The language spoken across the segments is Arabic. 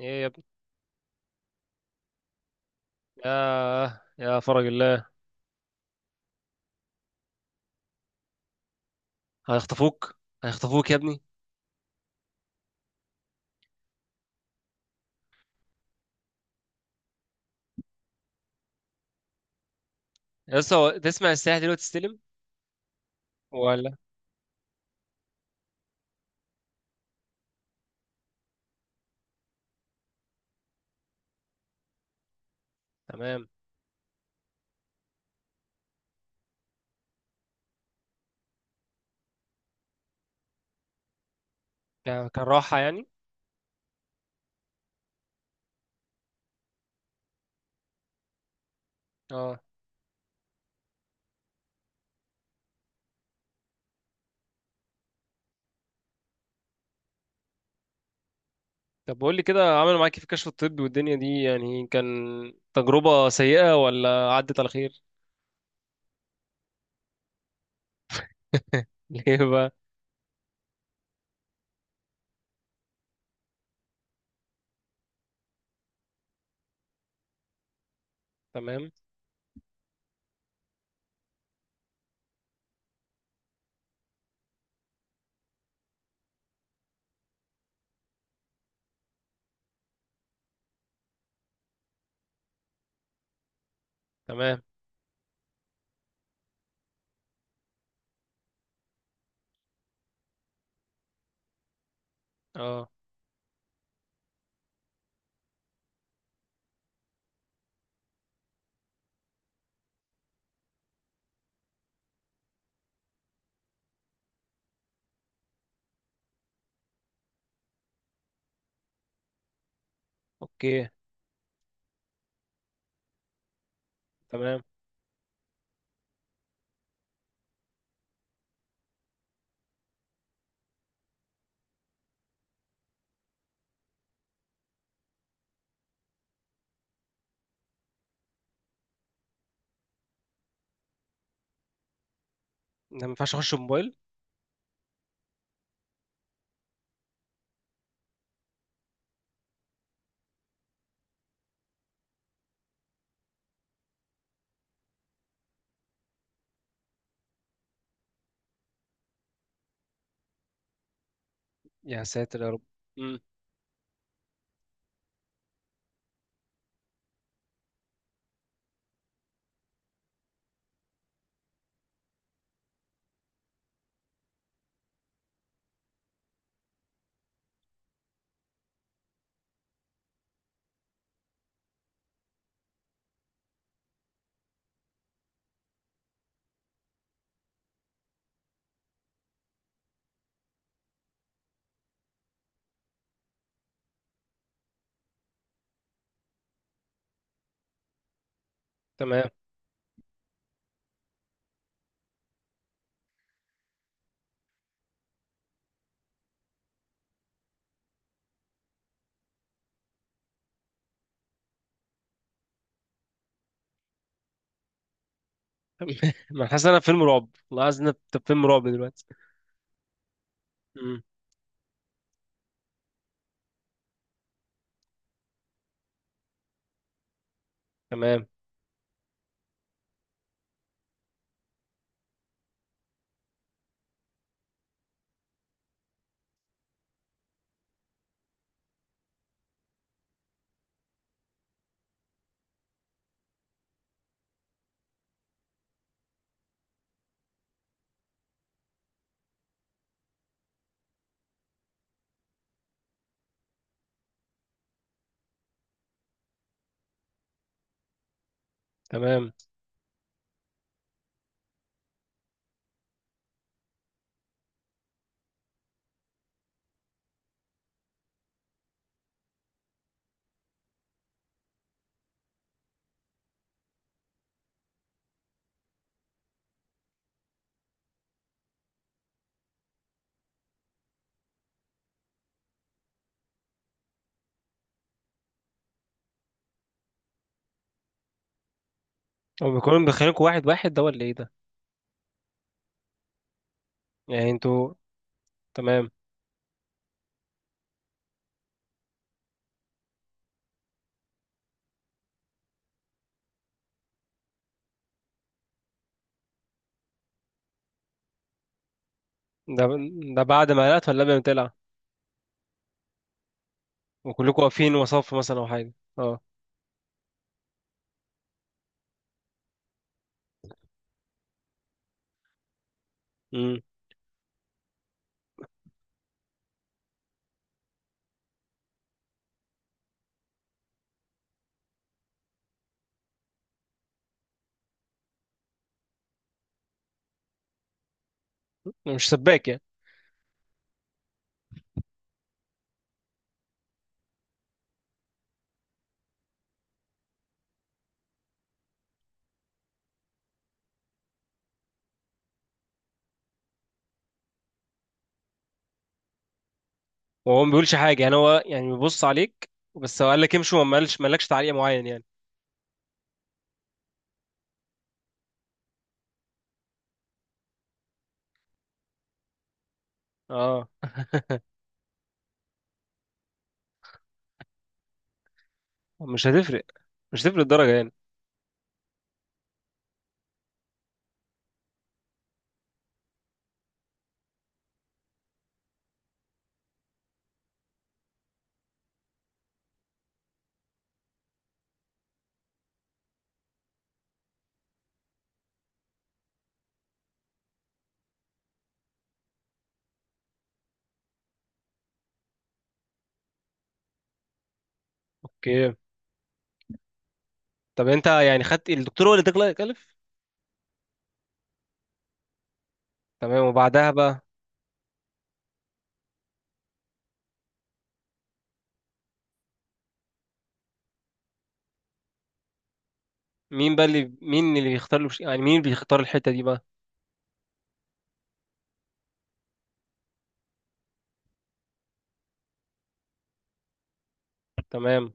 ايه يا ابني. يا فرج الله. هيخطفوك، هيخطفوك يا ابني. يا اسطى، تسمع السلاح دلوقتي تستلم ولا؟ تمام. كان راحة يعني. اه، طب بقول لي كده، عملوا معاك إيه في الكشف الطبي والدنيا دي؟ يعني كان تجربة سيئة ولا عدت على خير؟ ليه بقى؟ تمام، تمام. اه، اوكي، تمام. ده ما ينفعش اخش موبايل؟ يا ساتر يا رب. امم، تمام. ما أنا حاسس ان انا في فيلم رعب، والله عايز إن أنا في فيلم رعب دلوقتي. امم، تمام، تمام. هو بيكونوا مدخلينكوا واحد واحد ده ولا ايه ده؟ يعني انتوا؟ تمام. ده ده بعد ما قلقت ولا قبل ما تقلع؟ وكلكوا واقفين وصف مثلا او حاجه؟ اه. امم. مش سباك يعني؟ وهو ما بيقولش حاجه يعني؟ هو يعني بيبص عليك بس، هو قال لك امشي وما قالش، ما قالكش تعليق معين يعني؟ اه. مش هتفرق؟ مش هتفرق الدرجه يعني؟ اوكي. طب انت يعني خدت الدكتور هو اللي اداك كلف؟ تمام، وبعدها بقى؟ مين بقى اللي مين اللي بيختار له- يعني مين اللي بيختار الحته دي بقى؟ تمام.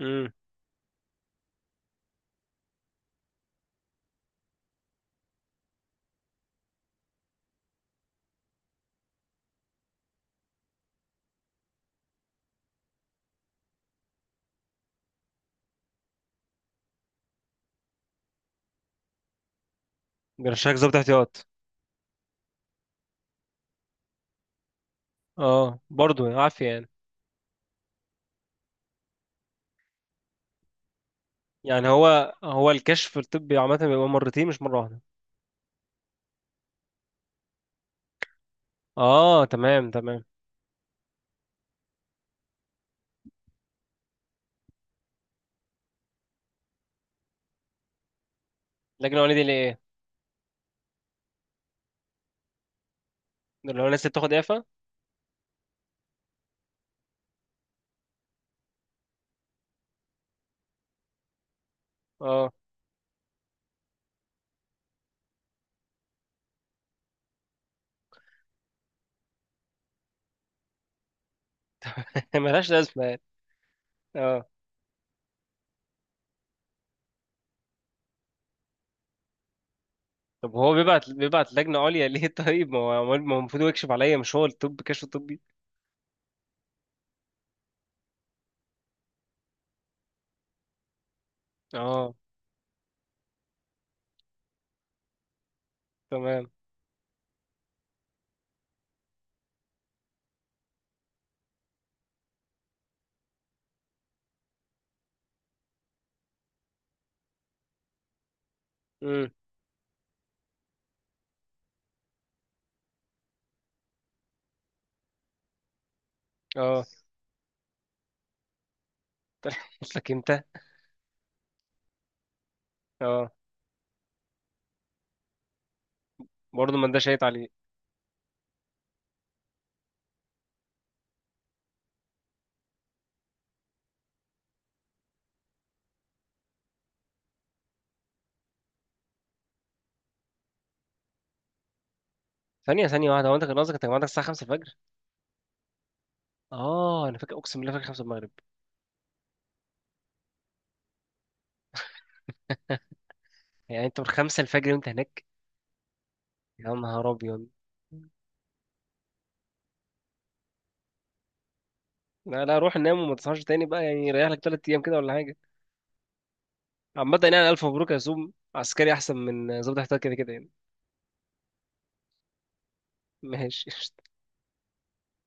امم. بيرشحك ضابط احتياط؟ اه، برضه يعني عافيه يعني. يعني هو الكشف الطبي عامة بيبقى مرتين مش مرة واحدة؟ اه، تمام، تمام. لكن هو دي ليه؟ ده اللي هو الناس اللي بتاخد اعفاء؟ اه. ملهاش لازمة يعني. اه. طب هو بيبعت لجنة عليا ليه؟ طيب، ما هو المفروض هو يكشف عليا؟ مش هو الطب كشف الطبي؟ اه، تمام. امم. اه. قلت لك انت. اه، برضه ما اداش شيط عليه. ثانية واحدة، هو انت كان قصدك انت جمعتك الساعة 5 الفجر؟ اه انا فاكر، اقسم بالله فاكر 5 المغرب. يعني انت من 5 الفجر وانت هناك؟ يا نهار ابيض. لا لا، روح نام وما تصحاش تاني بقى، يعني ريح لك تلات ايام كده ولا حاجه. عامه يعني، الف مبروك يا سوم، عسكري احسن من ظابط احتياط كده كده يعني. ماشي.